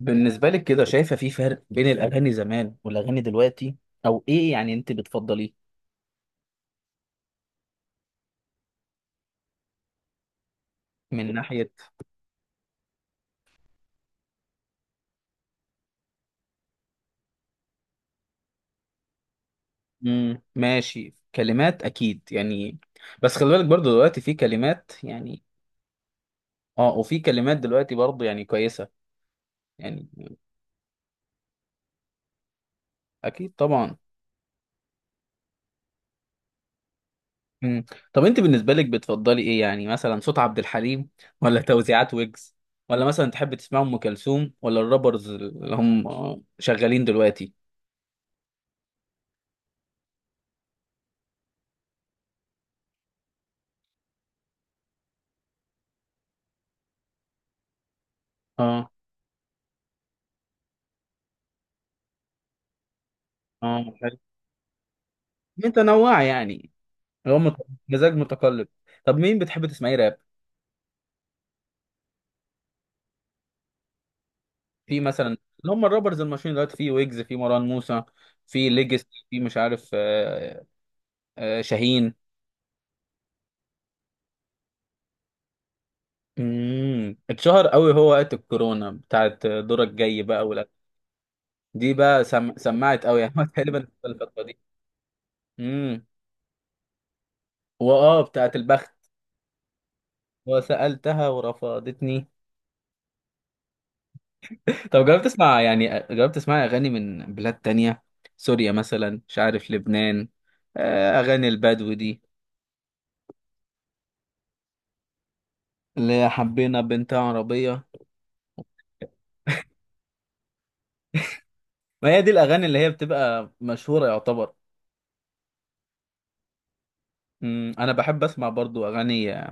بالنسبة لك كده شايفة في فرق بين الأغاني زمان والأغاني دلوقتي، أو إيه يعني أنت بتفضليه من ناحية؟ مم. ماشي، كلمات أكيد يعني. بس خلي بالك برضو دلوقتي في كلمات يعني. آه، وفي كلمات دلوقتي برضو يعني كويسة يعني. أكيد طبعا. مم. طب أنت بالنسبة لك بتفضلي إيه؟ يعني مثلا صوت عبد الحليم، ولا توزيعات ويجز، ولا مثلا تحب تسمع أم كلثوم، ولا الرابرز اللي هم شغالين دلوقتي؟ اه. اه حلو. متنوعة يعني. اللي هو مت- مزاج متقلب. طب مين بتحب تسمعيه راب؟ في مثلا اللي هم الرابرز المشهورين دلوقتي، في ويجز، في مروان موسى، في ليجس، في مش عارف شاهين. اتشهر قوي هو وقت الكورونا، بتاعت دورك جاي بقى ولا؟ دي بقى سمعت قوي يعني تقريبا في الفتره دي. امم. واه بتاعت البخت. وسألتها ورفضتني. طب جربت تسمع يعني، جربت تسمع اغاني من بلاد تانية؟ سوريا مثلا، مش عارف، لبنان. اغاني البدو دي، اللي هي حبينا بنت عربية. ما هي دي الأغاني اللي هي بتبقى مشهورة يعتبر. أنا بحب أسمع برضو أغاني،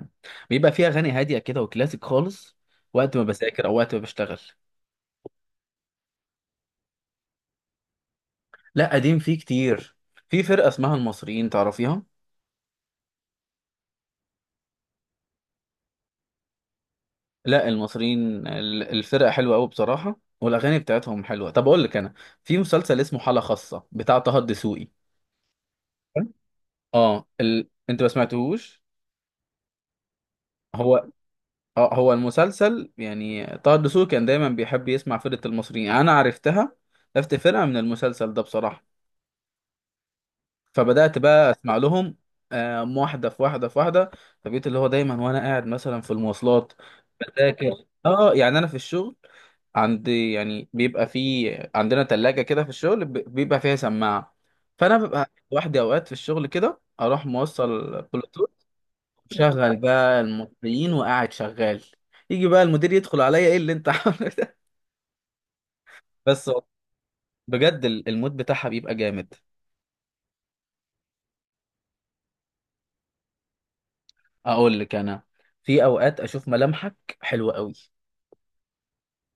بيبقى فيها أغاني هادية كده وكلاسيك خالص، وقت ما بذاكر أو وقت ما بشتغل. لا، قديم فيه كتير. في فرقة اسمها المصريين، تعرفيها؟ لا، المصريين الفرقة حلوة أوي بصراحة، والأغاني بتاعتهم حلوة. طب أقول لك أنا، في مسلسل اسمه حالة خاصة بتاع طه الدسوقي. اه أنت ما سمعتهوش؟ هو، اه هو المسلسل يعني، طه الدسوقي كان دايما بيحب يسمع فرقة المصريين. انا عرفتها، عرفت فرقة من المسلسل ده بصراحة. فبدأت بقى اسمع لهم. واحدة في واحدة في واحدة. فبقيت اللي هو دايما وانا قاعد مثلا في المواصلات بذاكر، اه يعني انا في الشغل، عندي يعني بيبقى في، عندنا تلاجة كده في الشغل بيبقى فيها سماعة، فانا ببقى لوحدي اوقات في الشغل كده، اروح موصل بلوتوث. شغل بقى المصريين وقاعد شغال. يجي بقى المدير يدخل عليا: ايه اللي انت عامله ده؟ بس بجد المود بتاعها بيبقى جامد. اقول لك انا، في اوقات اشوف ملامحك حلوه قوي،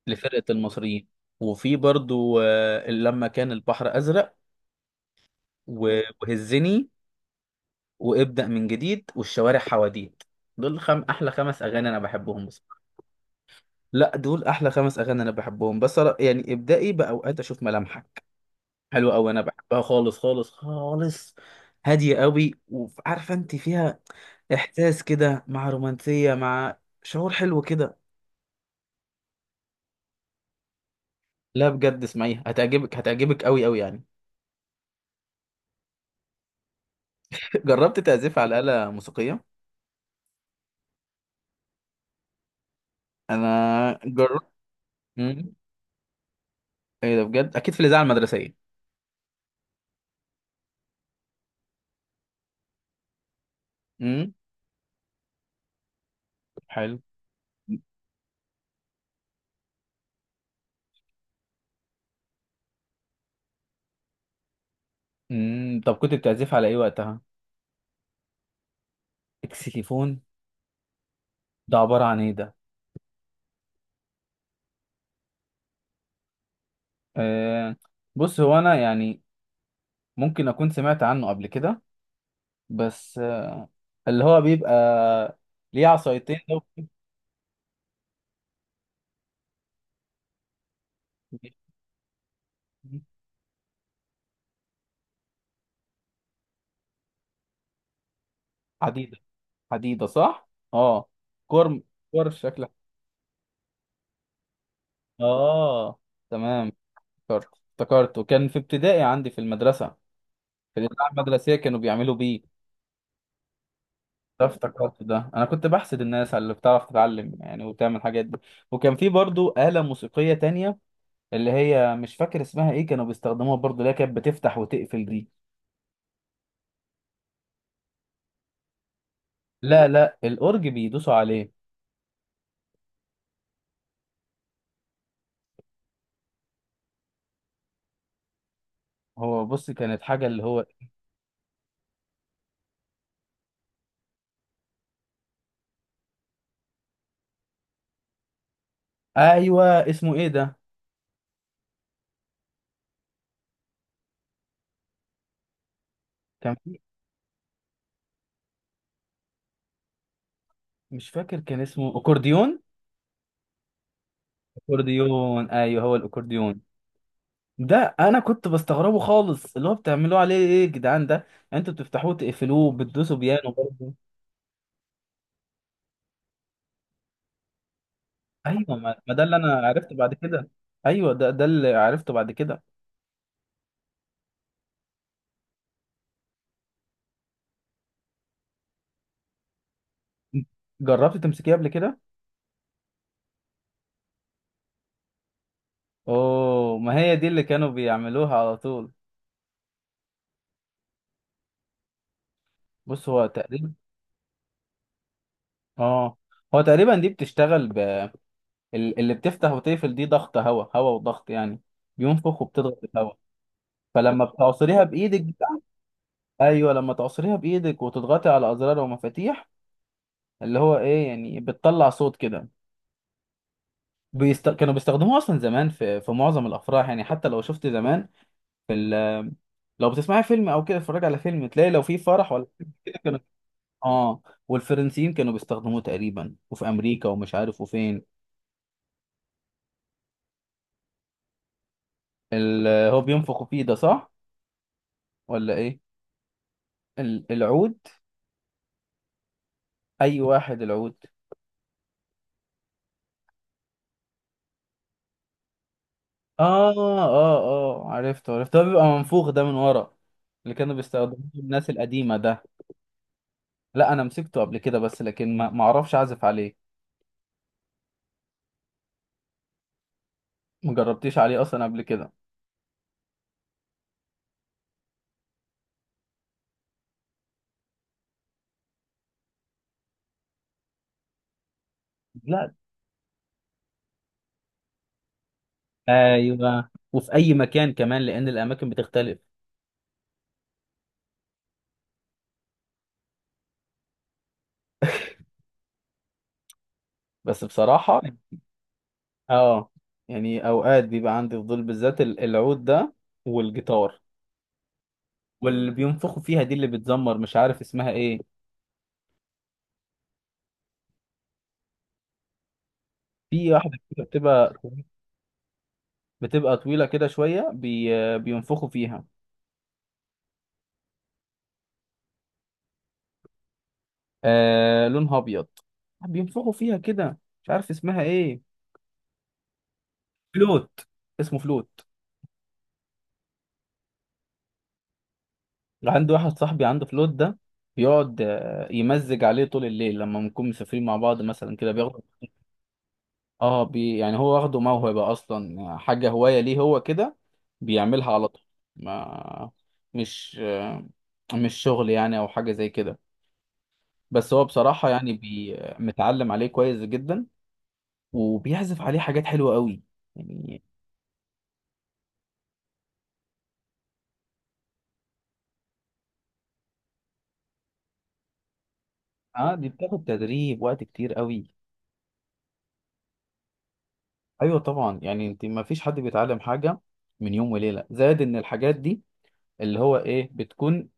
لفرقه المصريين. وفي برضو لما كان البحر ازرق، وهزني، وابدا من جديد، والشوارع حواديت. دول احلى خمس اغاني انا بحبهم بس. لا، دول احلى خمس اغاني انا بحبهم بس، يعني ابدائي باوقات اشوف ملامحك حلوه قوي، انا بحبها خالص خالص خالص. هاديه قوي، وعارفه انت فيها احساس كده، مع رومانسيه، مع شعور حلو كده. لا بجد اسمعيها، هتعجبك، هتعجبك قوي قوي يعني. جربت تعزف على آلة موسيقية؟ انا جربت. امم. ايه ده بجد؟ اكيد في الاذاعه المدرسيه. امم. حلو. طب كنت بتعزف على ايه وقتها؟ اكسيليفون. ده عباره عن ايه ده؟ آه، بص هو انا يعني ممكن اكون سمعت عنه قبل كده، بس اللي هو بيبقى ليه عصايتين ده حديدة، حديدة صح؟ اه، كور. كور شكلها. اه. تمام. افتكرت افتكرت، وكان في ابتدائي عندي في المدرسة، في الإذاعة المدرسية كانوا بيعملوا بيه. ده افتكرت ده، انا كنت بحسد الناس على اللي بتعرف تتعلم يعني وتعمل الحاجات دي. وكان في برضو آلة موسيقية تانية، اللي هي مش فاكر اسمها ايه، كانوا بيستخدموها برضو، اللي هي كانت بتفتح وتقفل دي. لا لا، الأورج بيدوسوا عليه. هو بص كانت حاجة اللي هو. ايوه، اسمه ايه ده؟ كان في، مش فاكر كان اسمه اكورديون. اكورديون، ايوه هو الاكورديون ده. انا كنت بستغربه خالص، اللي هو بتعملوه عليه ايه يا جدعان ده؟ يعني انتوا بتفتحوه تقفلوه بتدوسوا بيانو برضه. ايوه، ما ده اللي انا عرفته بعد كده. ايوه، ده اللي عرفته بعد كده. جربت تمسكيه قبل كده؟ اوه، ما هي دي اللي كانوا بيعملوها على طول. بص هو تقريبا. اه، هو تقريبا دي بتشتغل، اللي بتفتح وتقفل دي ضغط هواء، هواء وضغط يعني، بينفخ وبتضغط الهواء. فلما بتعصريها بايدك ايوه لما تعصريها بايدك وتضغطي على ازرار ومفاتيح، اللي هو ايه يعني، بتطلع صوت كده. كانوا بيستخدموه اصلا زمان، في معظم الافراح يعني، حتى لو شفت زمان، في لو بتسمعي فيلم او كده، اتفرجي على فيلم، تلاقي لو في فرح ولا حاجة كده كانوا. اه. والفرنسيين كانوا بيستخدموه تقريبا، وفي امريكا، ومش عارف وفين. هو بينفخوا فيه ده صح ولا ايه؟ العود، اي واحد. العود. اه، اه، اه، عرفته عرفته، ده بيبقى منفوخ ده من ورا، اللي كانوا بيستخدموه الناس القديمة ده. لا انا مسكته قبل كده بس، لكن ما اعرفش اعزف عليه. ما جربتيش عليه اصلا قبل كده؟ لا. ايوه، وفي اي مكان كمان، لان الاماكن بتختلف. بس بصراحة. اه، يعني اوقات بيبقى عندي فضول، بالذات العود ده، والجيتار، واللي بينفخوا فيها دي اللي بتزمر مش عارف اسمها ايه. في واحدة كده بتبقى، بتبقى طويلة كده شوية، بينفخوا فيها. آه، لونها أبيض، بينفخوا فيها كده، مش عارف اسمها إيه. فلوت. اسمه فلوت. عندي واحد صاحبي عنده فلوت ده، بيقعد يمزج عليه طول الليل، لما بنكون مسافرين مع بعض مثلا كده بياخده. اه، يعني هو واخده موهبة أصلا، حاجة هواية ليه هو كده، بيعملها على طول. ما مش مش شغل يعني أو حاجة زي كده، بس هو بصراحة يعني متعلم عليه كويس جدا، وبيعزف عليه حاجات حلوة قوي يعني. اه، دي بتاخد تدريب وقت كتير قوي. ايوه طبعا، يعني انت ما فيش حد بيتعلم حاجة من يوم وليلة، زائد ان الحاجات دي اللي هو ايه بتكون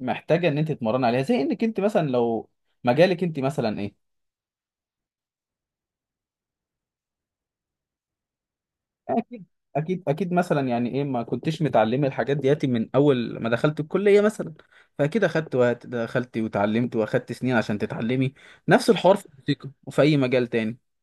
محتاجة ان انت تتمرن عليها، زي انك انت مثلا لو مجالك انت مثلا ايه. اكيد. اكيد اكيد مثلا يعني، ايه ما كنتش متعلمة الحاجات دياتي من اول ما دخلت الكلية مثلا، فاكيد اخدت وقت، دخلت وتعلمت واخدت سنين عشان تتعلمي. نفس الحوار في الموسيقى وفي اي مجال تاني.